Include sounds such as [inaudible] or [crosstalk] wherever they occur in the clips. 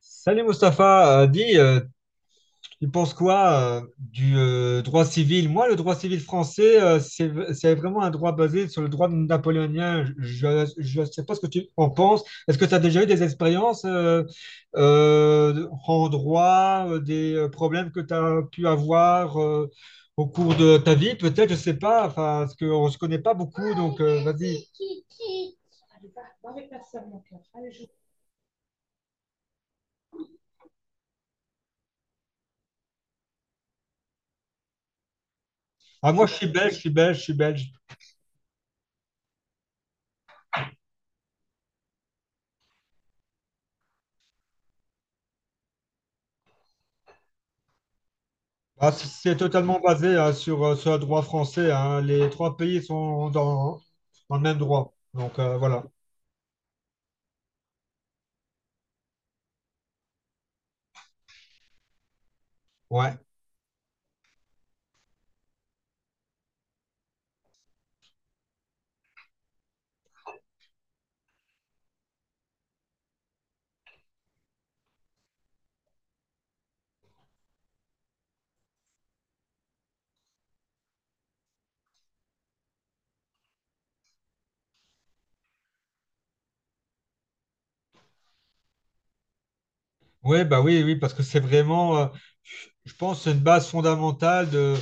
Salut Mustapha, dis, tu penses quoi du droit civil? Moi, le droit civil français, c'est vraiment un droit basé sur le droit napoléonien. Je ne sais pas ce que tu en penses. Est-ce que tu as déjà eu des expériences en droit, des problèmes que tu as pu avoir au cours de ta vie? Peut-être, je ne sais pas, enfin, parce qu'on ne se connaît pas beaucoup, donc vas-y. Ah, moi, je suis belge, je suis belge, je suis belge. Ah, c'est totalement basé, hein, sur le droit français, hein. Les trois pays sont hein, dans le même droit. Donc voilà. Ouais. Ouais, bah oui, oui, parce que c'est vraiment, je pense, que c'est une base fondamentale de,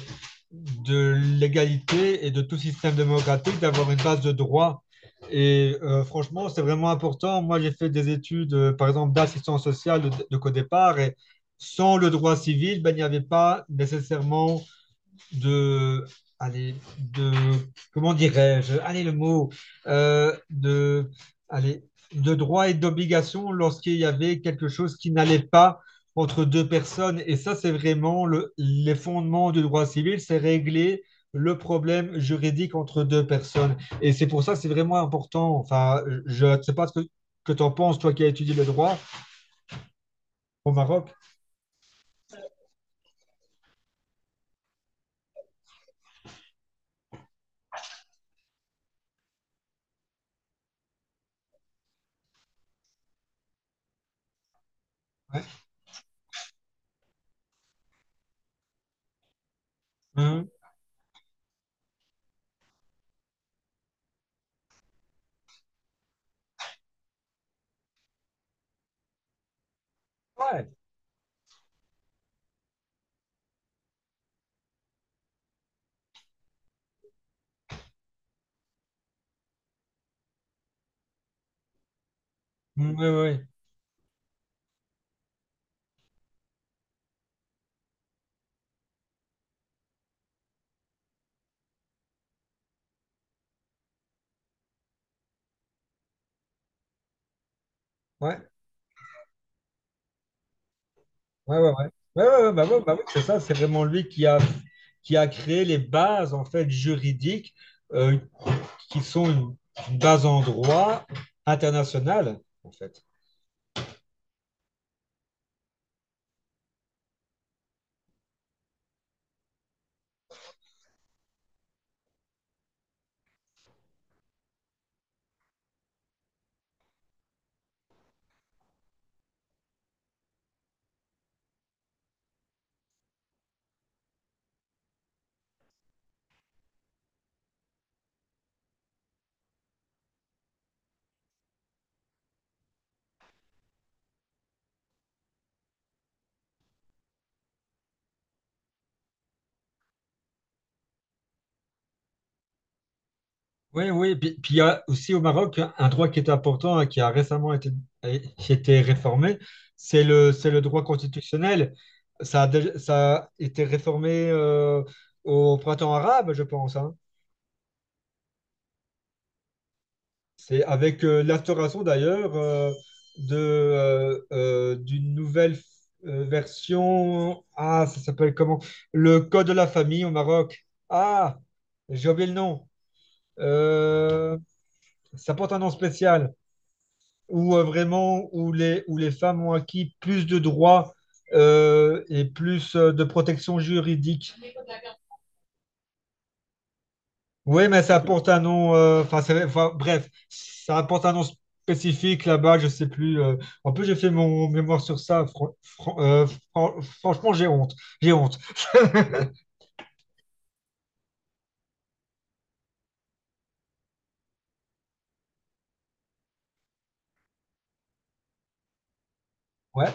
de l'égalité et de tout système démocratique d'avoir une base de droit. Et franchement, c'est vraiment important. Moi, j'ai fait des études, par exemple, d'assistance sociale de codépart, et sans le droit civil, ben, il n'y avait pas nécessairement de, allez, de, comment dirais-je, allez le mot, de, allez, de droits et d'obligations lorsqu'il y avait quelque chose qui n'allait pas entre deux personnes. Et ça, c'est vraiment les fondements du droit civil, c'est régler le problème juridique entre deux personnes. Et c'est pour ça que c'est vraiment important. Enfin, je ne sais pas ce que tu en penses, toi qui as étudié le droit au Maroc. Ouais. Mhm. Ouais. Mhm, ouais, ouais, ouais. Ouais, ouais, ouais. Ouais, ouais, ouais, bah oui, c'est ça, c'est vraiment lui qui a créé les bases en fait juridiques, euh, qui sont une base en droit international, en fait. Oui, oui, puis il y a aussi au Maroc un droit qui est important et qui a récemment été, qui a été réformé, c'est le droit constitutionnel. Ça a été réformé au printemps arabe, je pense, hein. C'est avec l'instauration d'ailleurs d'une nouvelle version. Ah, ça s'appelle comment? Le Code de la famille au Maroc. Ah, j'ai oublié le nom. Euh, Ça porte un nom spécial. Où vraiment, où les femmes ont acquis plus de droits et plus de protection juridique. Oui, mais ça porte un nom. Enfin, enfin, bref, ça porte un nom spécifique là-bas. Je sais plus. En plus, j'ai fait mon mémoire sur ça. Franchement, j'ai honte. J'ai honte. [laughs] Ouais,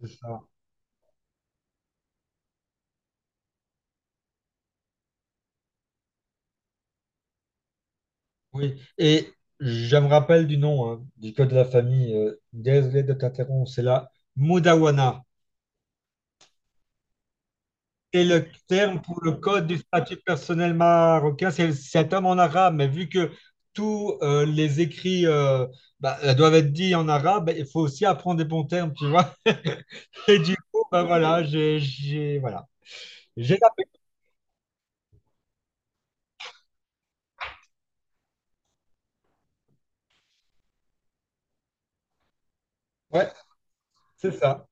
c'est ça. Oui. Et je me rappelle du nom, hein, du code de la famille. Désolé de t'interrompre. C'est la Modawana. Et le terme pour le code du statut personnel marocain, c'est un terme en arabe, mais vu que tous les écrits doivent être dits en arabe, bah, il faut aussi apprendre des bons termes, tu vois. [laughs] Et du coup, bah, voilà, voilà. J'ai tapé. Ouais, c'est ça.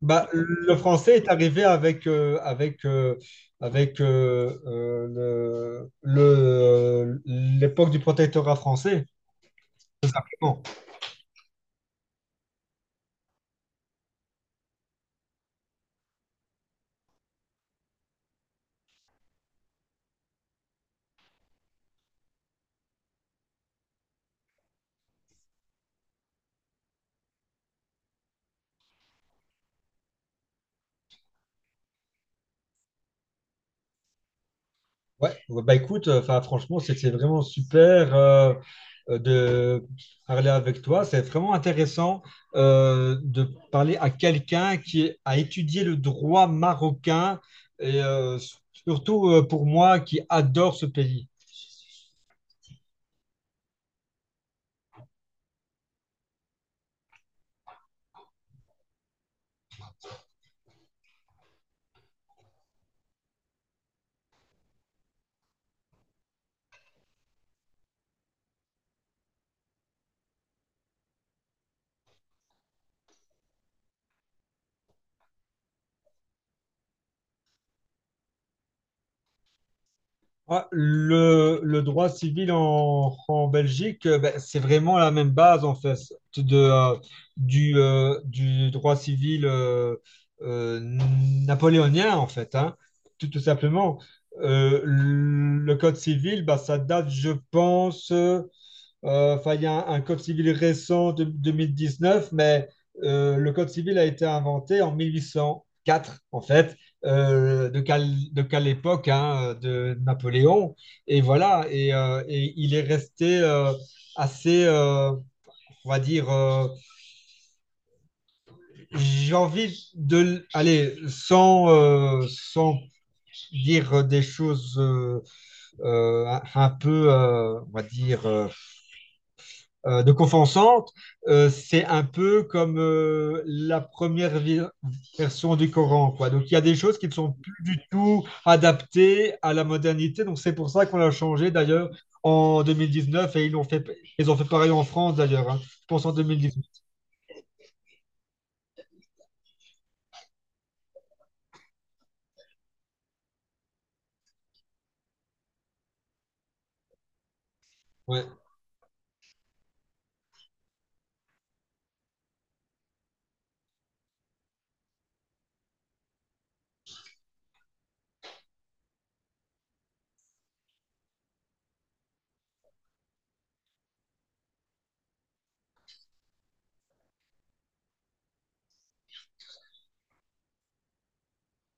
Bah, le français est arrivé avec euh, l'époque du protectorat français, tout simplement. Ouais, ouais, bah écoute, enfin franchement, c'était vraiment super de parler avec toi. C'est vraiment intéressant de parler à quelqu'un qui a étudié le droit marocain et surtout pour moi qui adore ce pays. Ah, le droit civil en Belgique, ben, c'est vraiment la même base en fait de, euh, du droit civil euh, napoléonien en fait, hein, tout, tout simplement. Le code civil, bah ça date, je pense. Enfin, il y a un code civil récent de 2019, mais le code civil a été inventé en 1804, en fait, euh, de quelle, de époque, hein, de Napoléon. Et voilà, et il est resté assez, on va dire, j'ai envie de, allez, sans dire des choses euh, un peu, on va dire de Confensante, c'est un peu comme la première version du Coran, quoi. Donc il y a des choses qui ne sont plus du tout adaptées à la modernité. Donc c'est pour ça qu'on l'a changé d'ailleurs en 2019 et ils ont fait pareil en France d'ailleurs, hein. Je pense en 2019. Ouais.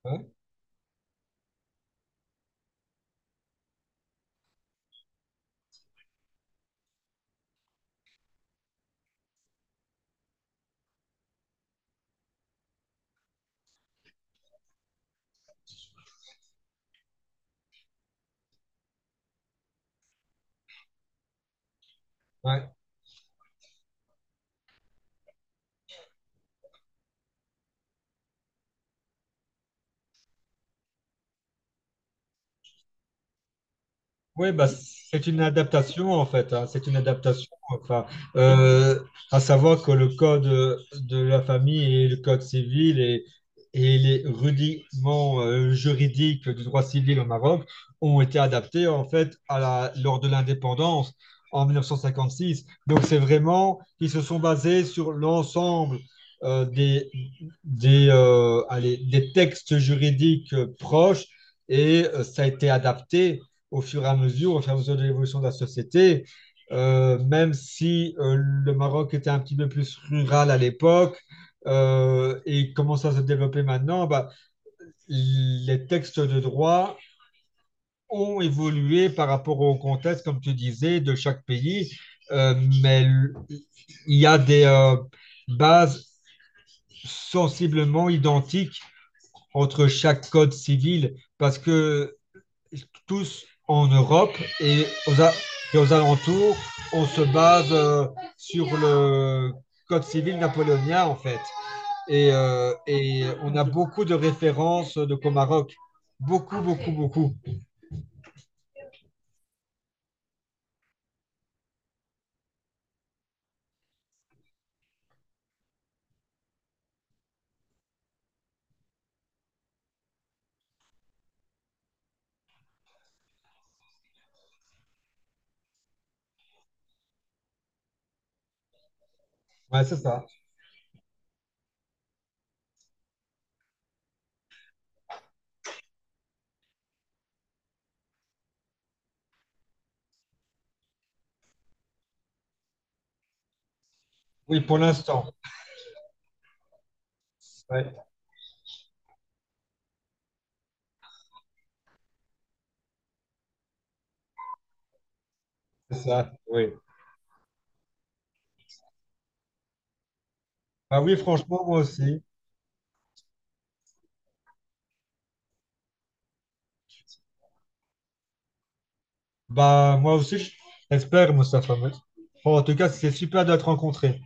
Ouais. Ouais. Oui, bah, c'est une adaptation en fait, hein. C'est une adaptation. Enfin, euh, à savoir que le code de la famille et le code civil et les rudiments juridiques du droit civil au Maroc ont été adaptés en fait lors de l'indépendance en 1956. Donc, c'est vraiment ils se sont basés sur l'ensemble euh, des, allez, des textes juridiques proches et ça a été adapté au fur et à mesure, au fur et à mesure de l'évolution de la société. Même si le Maroc était un petit peu plus rural à l'époque et commence à se développer maintenant, bah, les textes de droit ont évolué par rapport au contexte, comme tu disais, de chaque pays. euh, mais il y a des bases sensiblement identiques entre chaque code civil parce que tous en Europe et aux alentours, on se base sur le code civil napoléonien en fait. Et on a beaucoup de références de Comaroc. Beaucoup, beaucoup, beaucoup. Ouais, c'est ça. Oui, pour l'instant. Ouais, c'est ça. Oui. Bah oui, franchement, moi aussi. Bah moi aussi, j'espère, Moustapha. En tout cas, c'est super de te rencontrer.